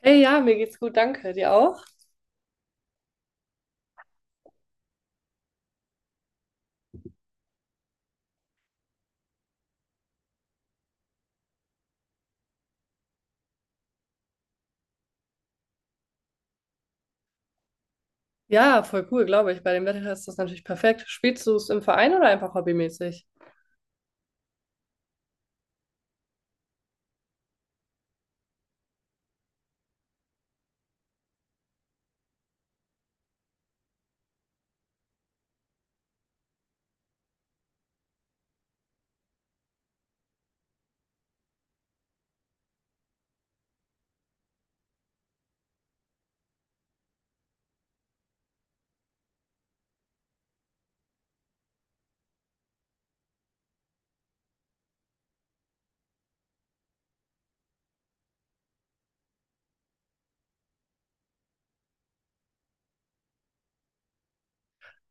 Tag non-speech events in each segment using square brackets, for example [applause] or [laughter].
Hey, ja, mir geht's gut, danke. Dir auch? Ja, voll cool, glaube ich. Bei dem Wetter ist das natürlich perfekt. Spielst du es im Verein oder einfach hobbymäßig?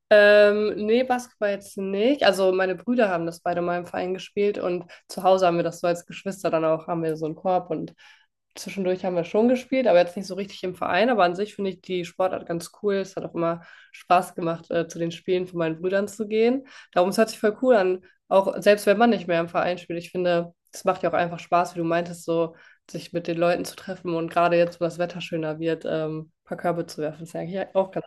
Nee, Basketball jetzt nicht. Also meine Brüder haben das beide mal im Verein gespielt und zu Hause haben wir das so als Geschwister dann auch, haben wir so einen Korb und zwischendurch haben wir schon gespielt, aber jetzt nicht so richtig im Verein. Aber an sich finde ich die Sportart ganz cool. Es hat auch immer Spaß gemacht, zu den Spielen von meinen Brüdern zu gehen. Darum, es hört sich voll cool an, auch selbst wenn man nicht mehr im Verein spielt. Ich finde, es macht ja auch einfach Spaß, wie du meintest, so sich mit den Leuten zu treffen und gerade jetzt, wo das Wetter schöner wird, ein paar Körbe zu werfen. Das ist ja eigentlich auch ganz.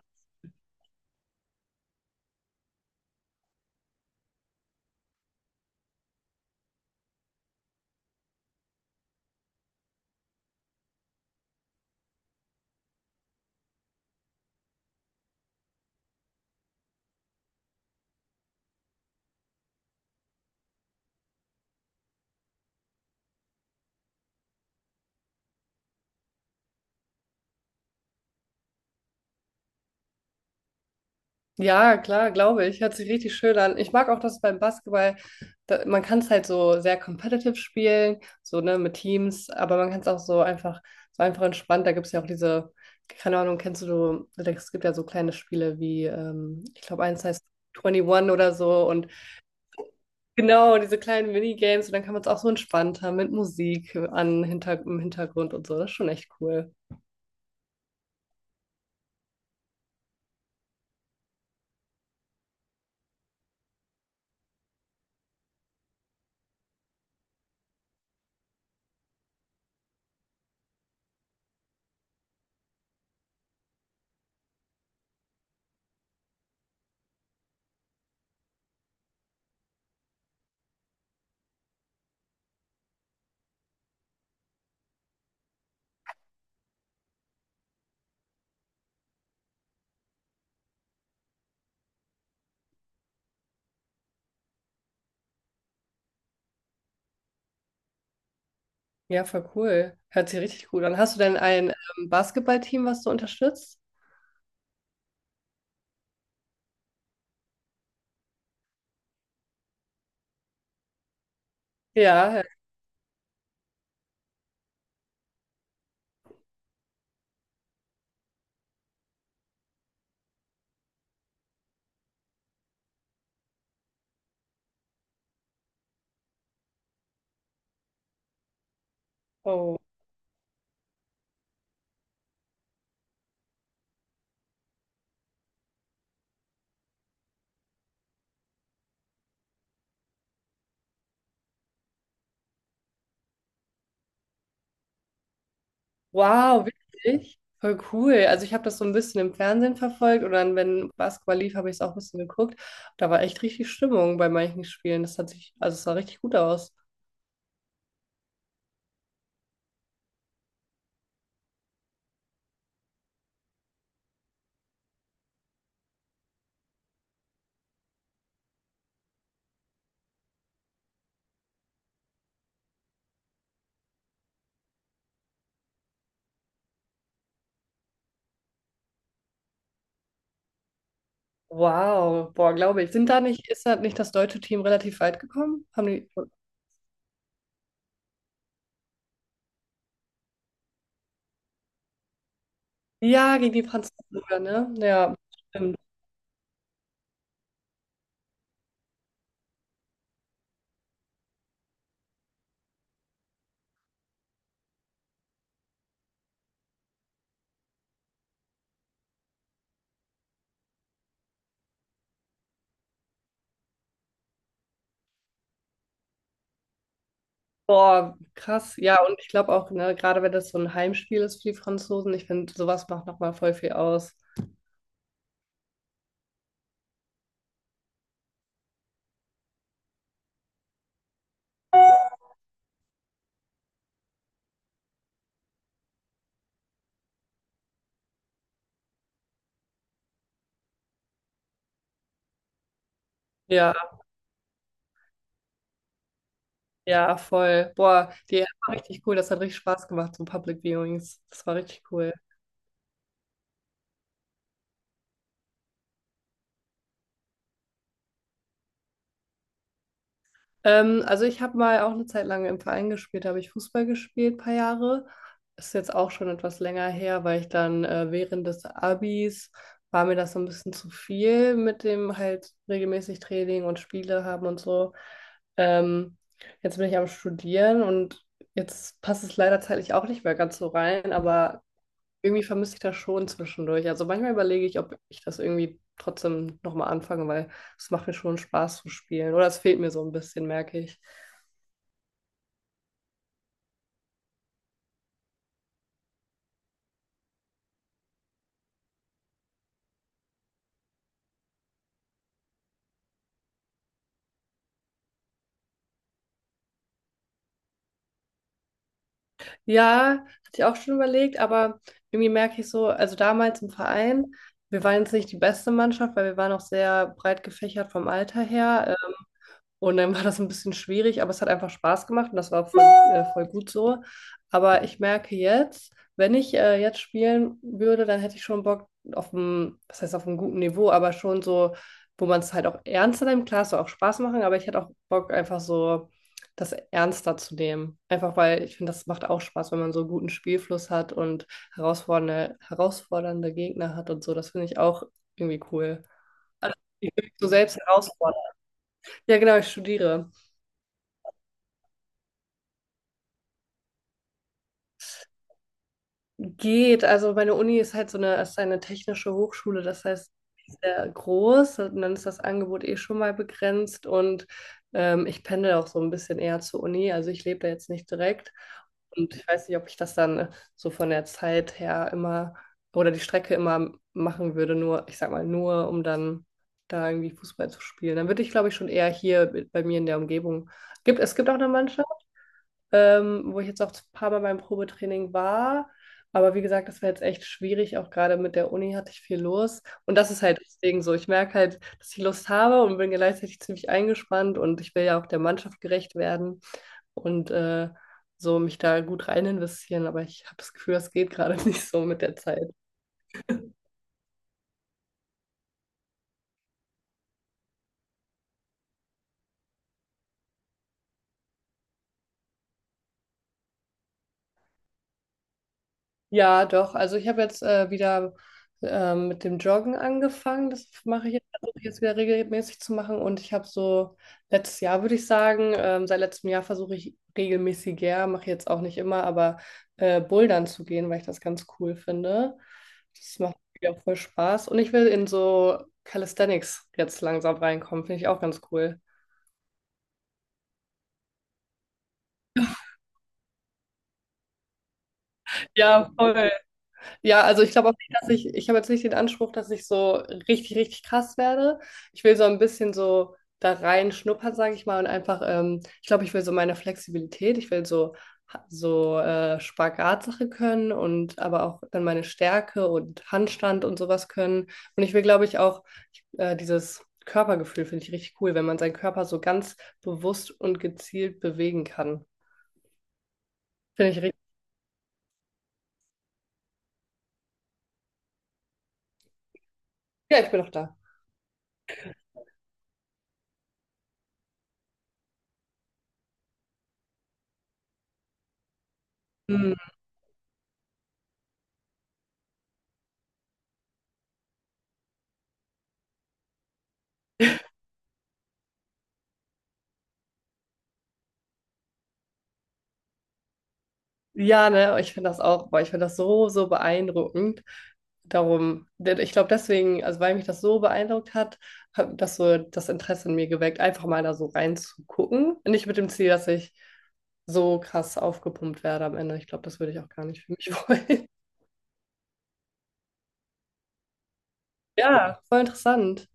Ja, klar, glaube ich. Hört sich richtig schön an. Ich mag auch, dass beim Basketball, da, man kann es halt so sehr competitive spielen, so ne, mit Teams, aber man kann es auch so einfach entspannt. Da gibt es ja auch diese, keine Ahnung, kennst du, es gibt ja so kleine Spiele wie, ich glaube, eins heißt 21 oder so und genau, diese kleinen Minigames und dann kann man es auch so entspannt haben mit Musik an, hinter, im Hintergrund und so. Das ist schon echt cool. Ja, voll cool. Hört sich richtig gut an. Hast du denn ein Basketballteam, was du unterstützt? Ja. Oh, wow, wirklich? Voll cool. Also ich habe das so ein bisschen im Fernsehen verfolgt und dann, wenn Basketball lief, habe ich es auch ein bisschen geguckt. Da war echt richtig Stimmung bei manchen Spielen. Das hat sich, also es sah richtig gut aus. Wow, boah, glaube ich. Sind da nicht, ist da nicht das deutsche Team relativ weit gekommen? Haben die, ja, gegen die Franzosen sogar, ne? Ja, stimmt. Boah, krass. Ja, und ich glaube auch, ne, gerade wenn das so ein Heimspiel ist für die Franzosen, ich finde, sowas macht nochmal voll viel aus. Ja. Ja, voll. Boah, die App war richtig cool. Das hat richtig Spaß gemacht, so Public Viewings. Das war richtig cool. Also ich habe mal auch eine Zeit lang im Verein gespielt, da habe ich Fußball gespielt, ein paar Jahre. Ist jetzt auch schon etwas länger her, weil ich dann während des Abis war mir das so ein bisschen zu viel mit dem halt regelmäßig Training und Spiele haben und so. Ähm, jetzt bin ich am Studieren und jetzt passt es leider zeitlich auch nicht mehr ganz so rein, aber irgendwie vermisse ich das schon zwischendurch. Also manchmal überlege ich, ob ich das irgendwie trotzdem nochmal anfange, weil es macht mir schon Spaß zu spielen. Oder es fehlt mir so ein bisschen, merke ich. Ja, hatte ich auch schon überlegt, aber irgendwie merke ich so, also damals im Verein, wir waren jetzt nicht die beste Mannschaft, weil wir waren auch sehr breit gefächert vom Alter her. Und dann war das ein bisschen schwierig, aber es hat einfach Spaß gemacht und das war voll, voll gut so. Aber ich merke jetzt, wenn ich jetzt spielen würde, dann hätte ich schon Bock auf einem, was heißt auf einem guten Niveau, aber schon so, wo man es halt auch ernster nimmt. Klar, es soll auch Spaß machen, aber ich hätte auch Bock, einfach so das ernster zu nehmen. Einfach weil ich finde, das macht auch Spaß, wenn man so einen guten Spielfluss hat und herausfordernde Gegner hat und so. Das finde ich auch irgendwie cool. Ich will mich so selbst herausfordern. Ja, genau, ich studiere. Geht, also meine Uni ist halt so eine, ist eine technische Hochschule, das heißt sehr groß und dann ist das Angebot eh schon mal begrenzt und ich pendel auch so ein bisschen eher zur Uni, also ich lebe da jetzt nicht direkt und ich weiß nicht, ob ich das dann so von der Zeit her immer oder die Strecke immer machen würde, nur, ich sag mal, nur um dann da irgendwie Fußball zu spielen. Dann würde ich, glaube ich, schon eher hier bei mir in der Umgebung. Gibt, es gibt auch eine Mannschaft wo ich jetzt auch ein paar Mal beim Probetraining war. Aber wie gesagt, das war jetzt echt schwierig, auch gerade mit der Uni hatte ich viel los. Und das ist halt deswegen so. Ich merke halt, dass ich Lust habe und bin gleichzeitig ziemlich eingespannt und ich will ja auch der Mannschaft gerecht werden und so mich da gut rein investieren. Aber ich habe das Gefühl, das geht gerade [laughs] nicht so mit der Zeit. Ja, doch. Also ich habe jetzt wieder mit dem Joggen angefangen. Das mache ich jetzt, versuche ich jetzt wieder regelmäßig zu machen. Und ich habe so letztes Jahr, würde ich sagen, seit letztem Jahr versuche ich regelmäßiger, mache ich jetzt auch nicht immer, aber Bouldern zu gehen, weil ich das ganz cool finde. Das macht mir auch voll Spaß. Und ich will in so Calisthenics jetzt langsam reinkommen. Finde ich auch ganz cool. Ja, voll. Ja, also ich glaube auch nicht, dass ich habe jetzt nicht den Anspruch, dass ich so richtig, richtig krass werde. Ich will so ein bisschen so da rein schnuppern, sage ich mal, und einfach, ich glaube, ich will so meine Flexibilität, ich will so, so Spagatsache können und aber auch dann meine Stärke und Handstand und sowas können. Und ich will, glaube ich, auch dieses Körpergefühl finde ich richtig cool, wenn man seinen Körper so ganz bewusst und gezielt bewegen kann. Finde ich richtig. Ja, ich bin auch da. Ja, ne, ich finde das auch, boah, ich finde das so, so beeindruckend. Darum, denn ich glaube deswegen, also weil mich das so beeindruckt hat, hat das so das Interesse in mir geweckt, einfach mal da so reinzugucken. Nicht mit dem Ziel, dass ich so krass aufgepumpt werde am Ende. Ich glaube, das würde ich auch gar nicht für mich [laughs] wollen. Ja, voll interessant.